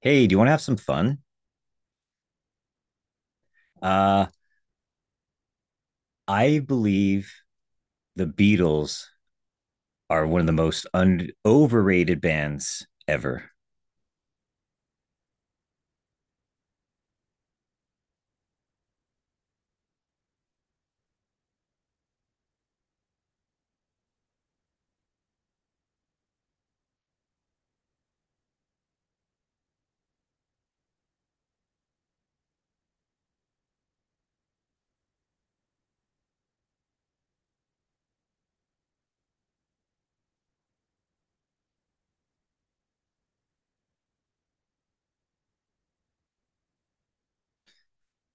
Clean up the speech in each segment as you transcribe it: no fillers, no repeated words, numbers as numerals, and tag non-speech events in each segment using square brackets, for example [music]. Hey, do you want to have some fun? Uh, I believe the Beatles are one of the most un overrated bands ever.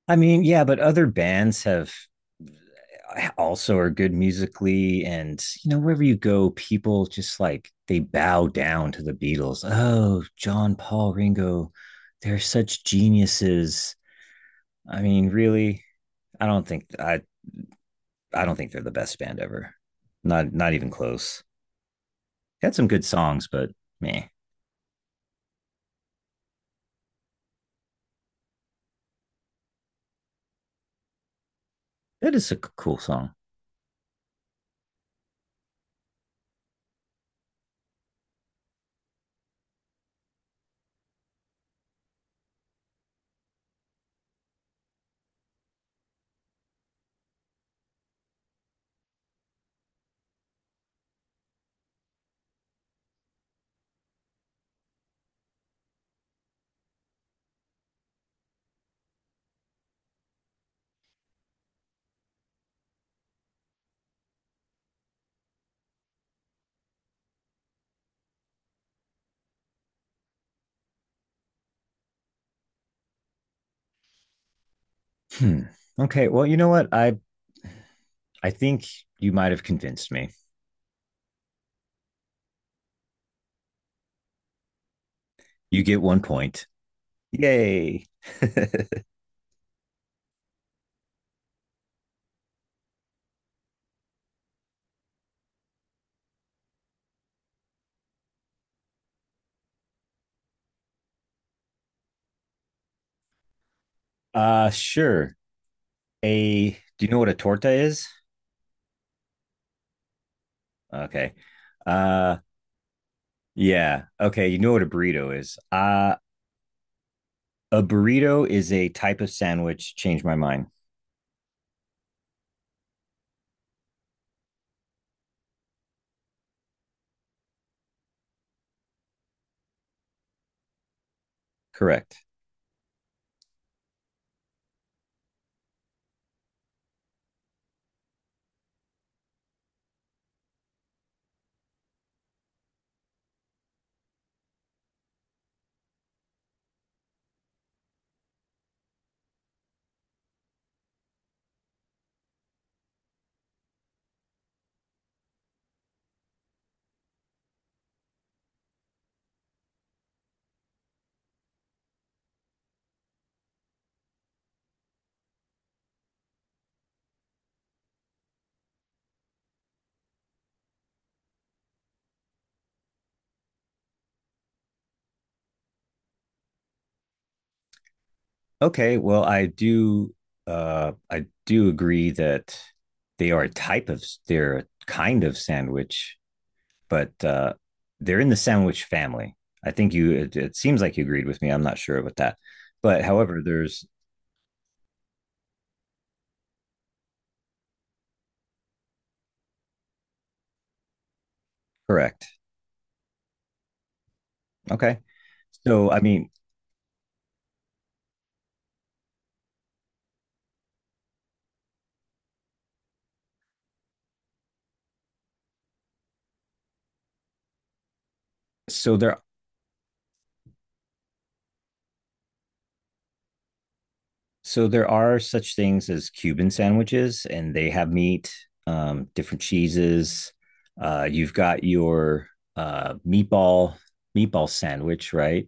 I mean, yeah, but other bands have also are good musically, and you know, wherever you go, people just like they bow down to the Beatles. Oh, John, Paul, Ringo, they're such geniuses. I mean, really, I don't think I I don't think they're the best band ever. Not even close. Had some good songs, but man, that is a cool song. Hmm. Okay. Well, you know what? I think you might have convinced me. You get one point. Yay. [laughs] Sure. A do you know what a torta is? Okay. Uh yeah. Okay, you know what a burrito is. A burrito is a type of sandwich. Change my mind. Correct. Okay, well, I do agree that they're a kind of sandwich, but they're in the sandwich family. I think you it, it seems like you agreed with me. I'm not sure about that. But however, there's correct. Okay. So I mean, so there so there are such things as Cuban sandwiches and they have meat, different cheeses. You've got your uh meatball meatball sandwich, right?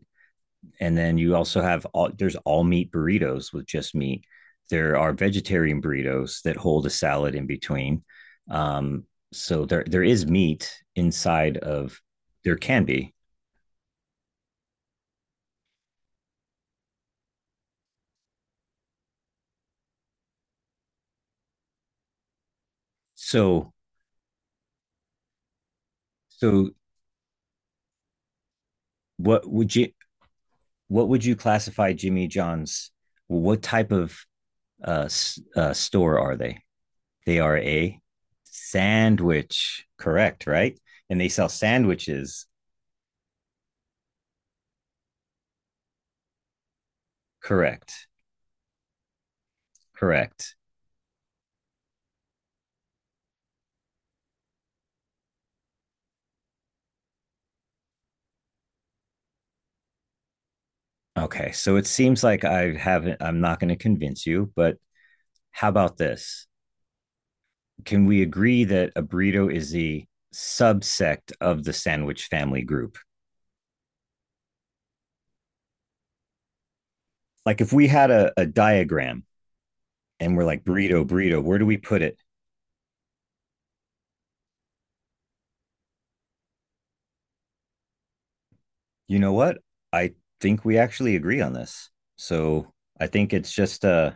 And then you also have all there's all meat burritos with just meat. There are vegetarian burritos that hold a salad in between. Um, so there is meat inside of there can be. So so what would you classify Jimmy John's? What type of uh, store are they? They are a sandwich, correct? Right, and they sell sandwiches, correct? Correct. Okay, so it seems like I haven't, I'm not going to convince you, but how about this? Can we agree that a burrito is the subsect of the sandwich family group? Like if we had a diagram and we're like, burrito, burrito, where do we put it? You know what? I think we actually agree on this. So I think it's just,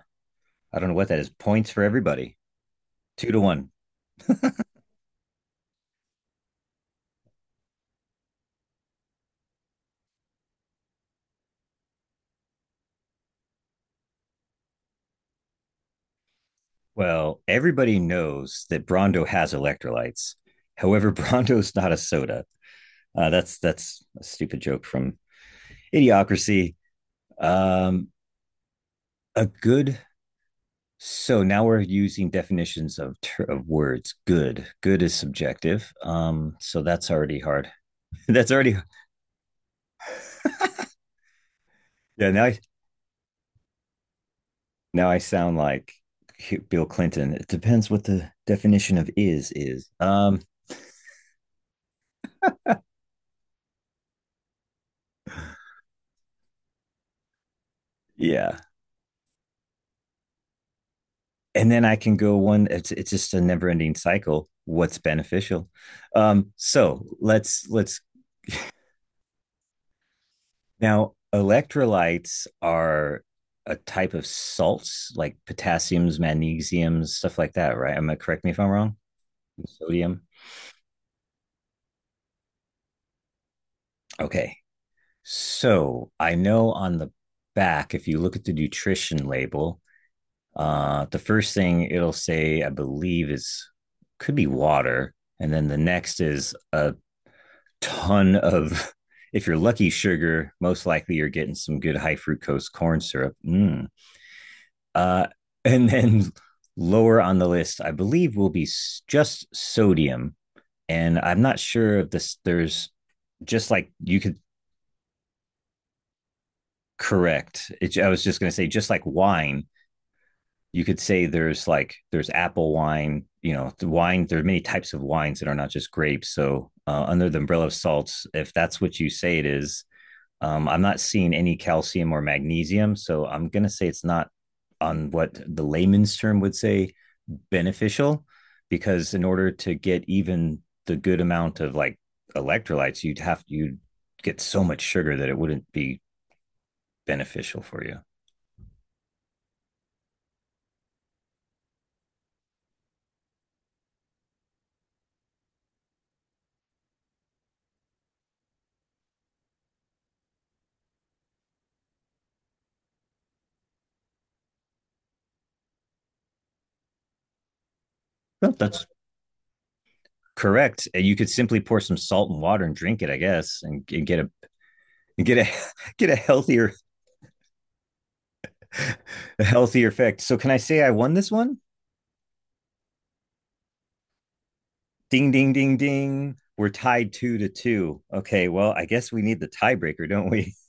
I don't know what that is, points for everybody, two to one. Well, everybody knows that Brando has electrolytes. However, [laughs] Brando's not a soda. That's a stupid joke from Idiocracy. Um, a good. So now we're using definitions of of words. Good. Good is subjective. So that's already hard. [laughs] that's already yeah. Now I sound like Bill Clinton. It depends what the definition of is is. Yeah. And then I can go one. It's just a never ending cycle. What's beneficial? So let's Now, electrolytes are a type of salts like potassiums, magnesiums, stuff like that, right? Am I correct me if I'm wrong? Sodium. Okay. So I know on the back, if you look at the nutrition label, the first thing it'll say, I believe, is could be water. And then the next is a ton of, [laughs] if you're lucky, sugar. Most likely you're getting some good high fructose corn syrup. Mm, Uh, and then lower on the list, I believe, will be just sodium. And I'm not sure if this, there's just like you could correct. It, I was just going to say, just like wine, you could say there's like, there's apple wine, you know, the wine, there are many types of wines that are not just grapes. So, under the umbrella of salts, if that's what you say it is, I'm not seeing any calcium or magnesium, so I'm gonna say it's not on what the layman's term would say beneficial, because in order to get even the good amount of like electrolytes, you'd get so much sugar that it wouldn't be beneficial for you. No, that's correct. And you could simply pour some salt and water and drink it, I guess, and get a and get a [laughs] get a healthier [laughs] a healthier effect. So can I say I won this one? Ding ding ding ding. We're tied two to two. Okay, well, I guess we need the tiebreaker, don't we? [laughs]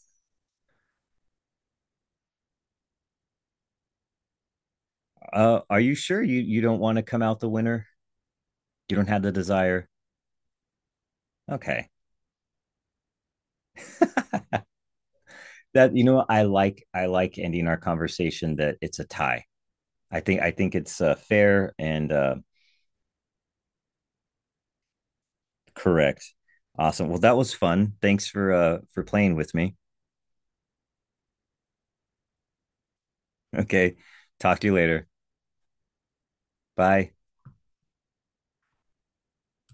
Are you sure you don't want to come out the winner? You don't have the desire. Okay, [laughs] that you know I like ending our conversation that it's a tie. I think it's fair and correct. Awesome. Well, that was fun. Thanks for playing with me. Okay. Talk to you later. Bye.